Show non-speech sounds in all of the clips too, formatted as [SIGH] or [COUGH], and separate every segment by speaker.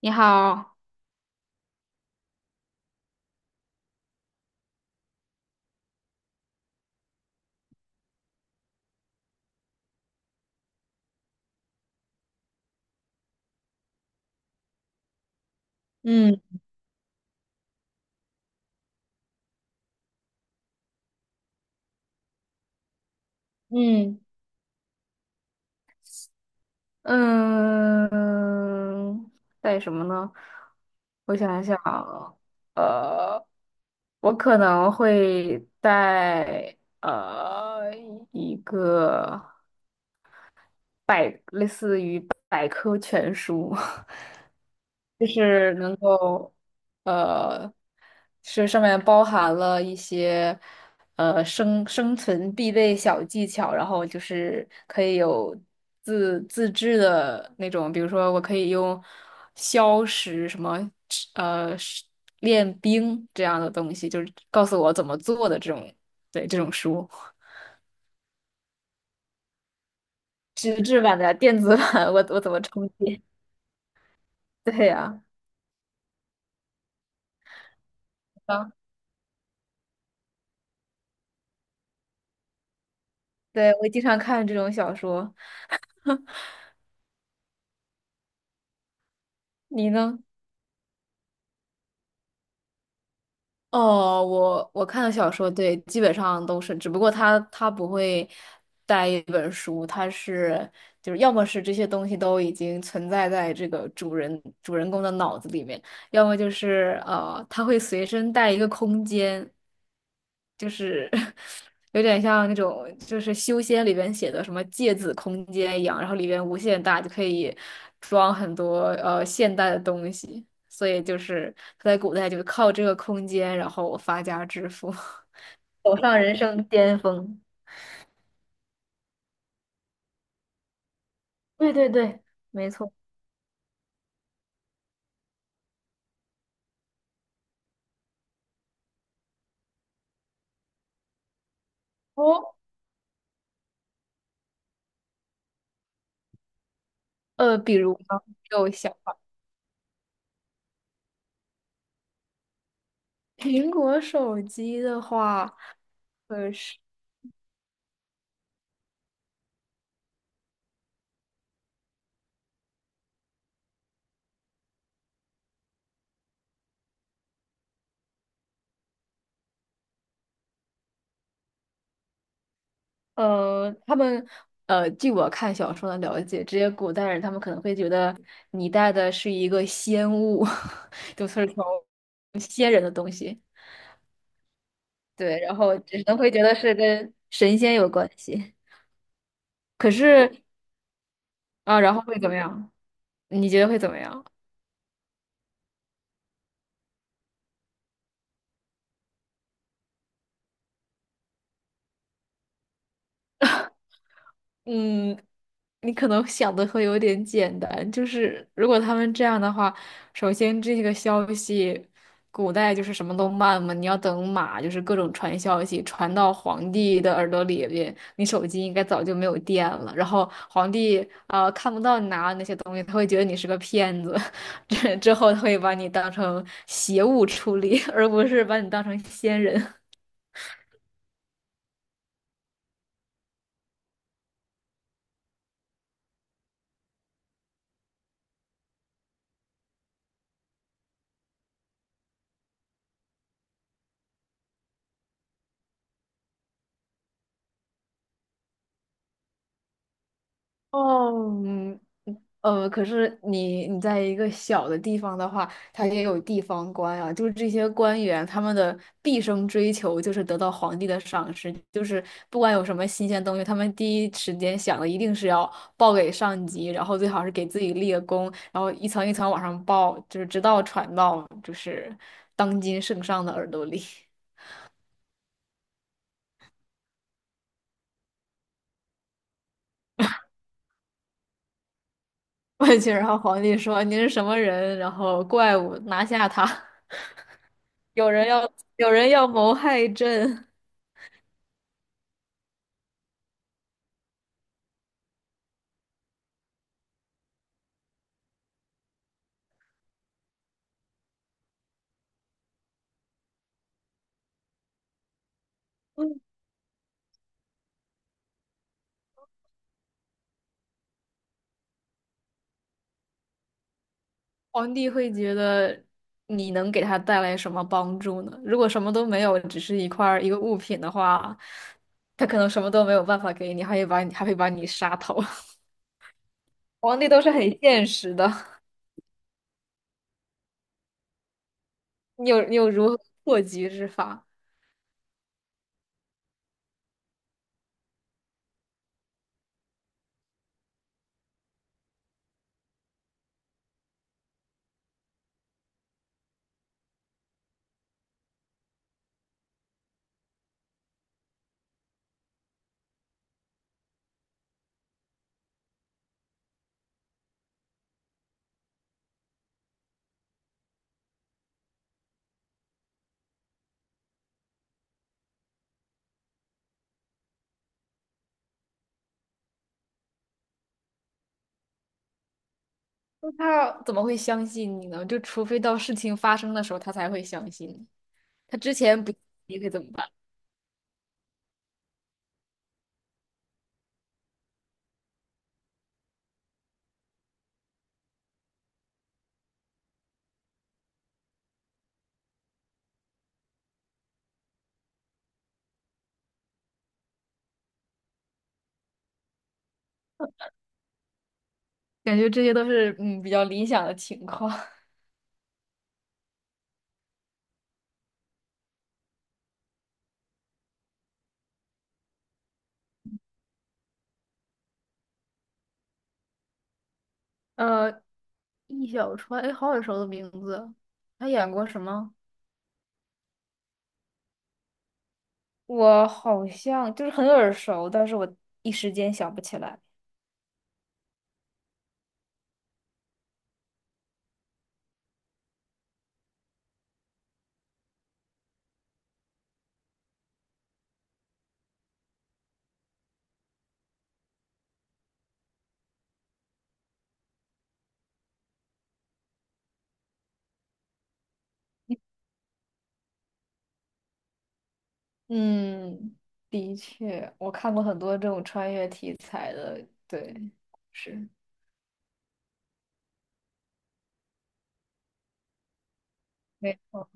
Speaker 1: 你好。嗯嗯，嗯，带什么呢？我想一想啊，呃，我可能会带一个类似于百科全书。[LAUGHS] 就是能够，呃，是上面包含了一些，生存必备小技巧，然后就是可以有自制的那种，比如说我可以用消食什么，是练兵这样的东西，就是告诉我怎么做的这种，对，这种书。纸质版的、电子版，我怎么充电？[LAUGHS] 对呀。啊，对，我经常看这种小说。你呢？哦，我看的小说，对，基本上都是，只不过他不会带一本书，他是就是要么是这些东西都已经存在在这个主人公的脑子里面，要么就是他会随身带一个空间，就是 [LAUGHS] 有点像那种就是修仙里边写的什么芥子空间一样，然后里边无限大，就可以装很多现代的东西。所以就是他在古代就靠这个空间，然后发家致富。[LAUGHS] 走上人生巅峰。对对对，没错。哦，比如呢，你有想法？[LAUGHS] 苹果手机的话，呃是呃，他们据我看小说的了解，这些古代人他们可能会觉得你带的是一个仙物，[LAUGHS] 就是从仙人的东西，对，然后只能会觉得是跟神仙有关系。可是啊，然后会怎么样？你觉得会怎么样？嗯，你可能想的会有点简单，就是如果他们这样的话，首先这个消息，古代就是什么都慢嘛，你要等马，就是各种传消息传到皇帝的耳朵里边，你手机应该早就没有电了，然后皇帝看不到你拿的那些东西，他会觉得你是个骗子，[LAUGHS] 之后他会把你当成邪物处理，而不是把你当成仙人。哦，嗯可是你在一个小的地方的话，他也有地方官啊，就是这些官员他们的毕生追求就是得到皇帝的赏识，就是不管有什么新鲜东西，他们第一时间想的一定是要报给上级，然后最好是给自己立个功，然后一层一层往上报，就是直到传到就是当今圣上的耳朵里。[LAUGHS] 过去，然后皇帝说您是什么人，然后怪物拿下他。有人要有人要谋害朕。皇帝会觉得你能给他带来什么帮助呢？如果什么都没有，只是一块儿一个物品的话，他可能什么都没有办法给你，还会把你杀头。[LAUGHS] 皇帝都是很现实的，你有如何破局之法？那他怎么会相信你呢？就除非到事情发生的时候，他才会相信你。他之前不，你会怎么办？感觉这些都是比较理想的情况。[LAUGHS] 呃，易小川，哎，好耳熟的名字。他演过什么？我好像就是很耳熟，但是我一时间想不起来。嗯，的确，我看过很多这种穿越题材的，对，是，没错，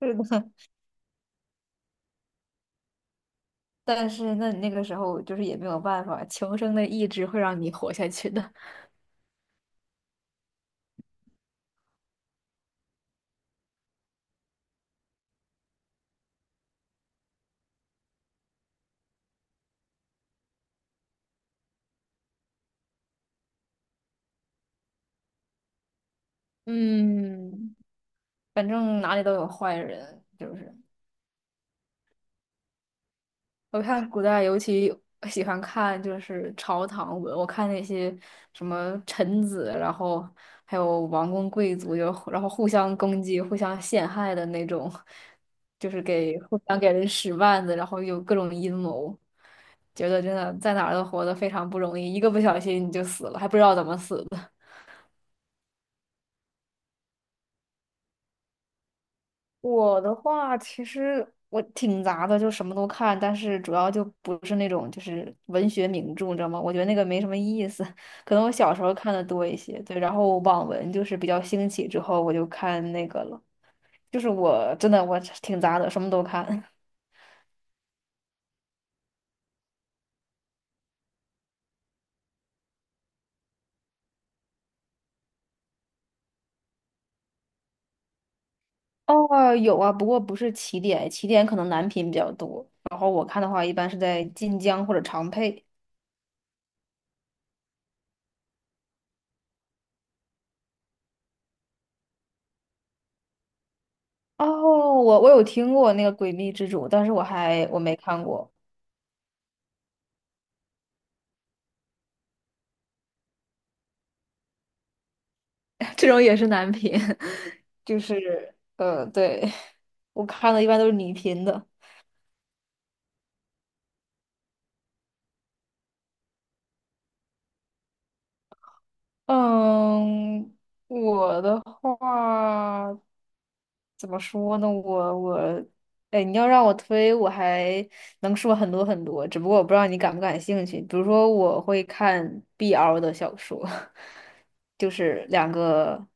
Speaker 1: 是的。[LAUGHS] 但是那你那个时候就是也没有办法，求生的意志会让你活下去的。[LAUGHS] 嗯，反正哪里都有坏人，就是。我看古代尤其喜欢看就是朝堂文，我看那些什么臣子，然后还有王公贵族，就然后互相攻击、互相陷害的那种，就是给互相给人使绊子，然后有各种阴谋，觉得真的在哪儿都活得非常不容易，一个不小心你就死了，还不知道怎么死的。我的话，其实我挺杂的，就什么都看，但是主要就不是那种就是文学名著，你知道吗？我觉得那个没什么意思。可能我小时候看的多一些，对，然后网文就是比较兴起之后，我就看那个了。就是我真的我挺杂的，什么都看。[LAUGHS] 哦，有啊，不过不是起点，起点可能男频比较多，然后我看的话一般是在晋江或者长佩。哦，我有听过那个《诡秘之主》，但是我没看过。[LAUGHS] 这种也是男频。就是对，[LAUGHS] 我看的一般都是女频的。嗯，我的话怎么说呢？哎，你要让我推，我还能说很多很多，只不过我不知道你感不感兴趣。比如说，我会看 BL 的小说，[LAUGHS] 就是两个，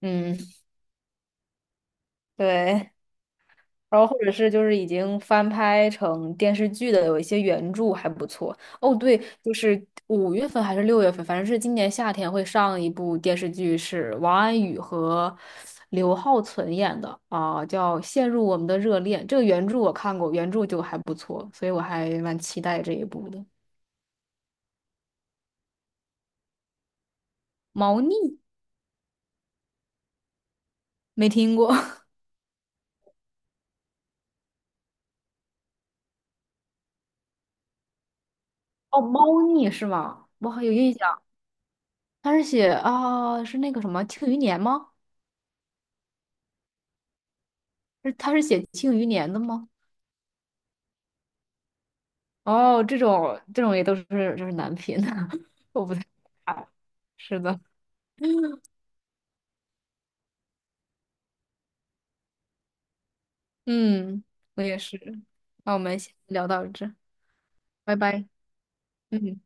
Speaker 1: 嗯，对。然后或者是就是已经翻拍成电视剧的，有一些原著还不错。哦，对，就是五月份还是六月份，反正是今年夏天会上一部电视剧，是王安宇和刘浩存演的啊，叫《陷入我们的热恋》。这个原著我看过，原著就还不错，所以我还蛮期待这一部的。猫腻没听过。 [LAUGHS] 哦，猫腻是吗？我好有印象，他是写啊，是那个什么《庆余年》吗？是他是写《庆余年》的吗？哦，这种这种也都是就是男频，[LAUGHS] 我不太啊是的，[LAUGHS] 嗯，我也是。那我们先聊到这，拜拜。嗯。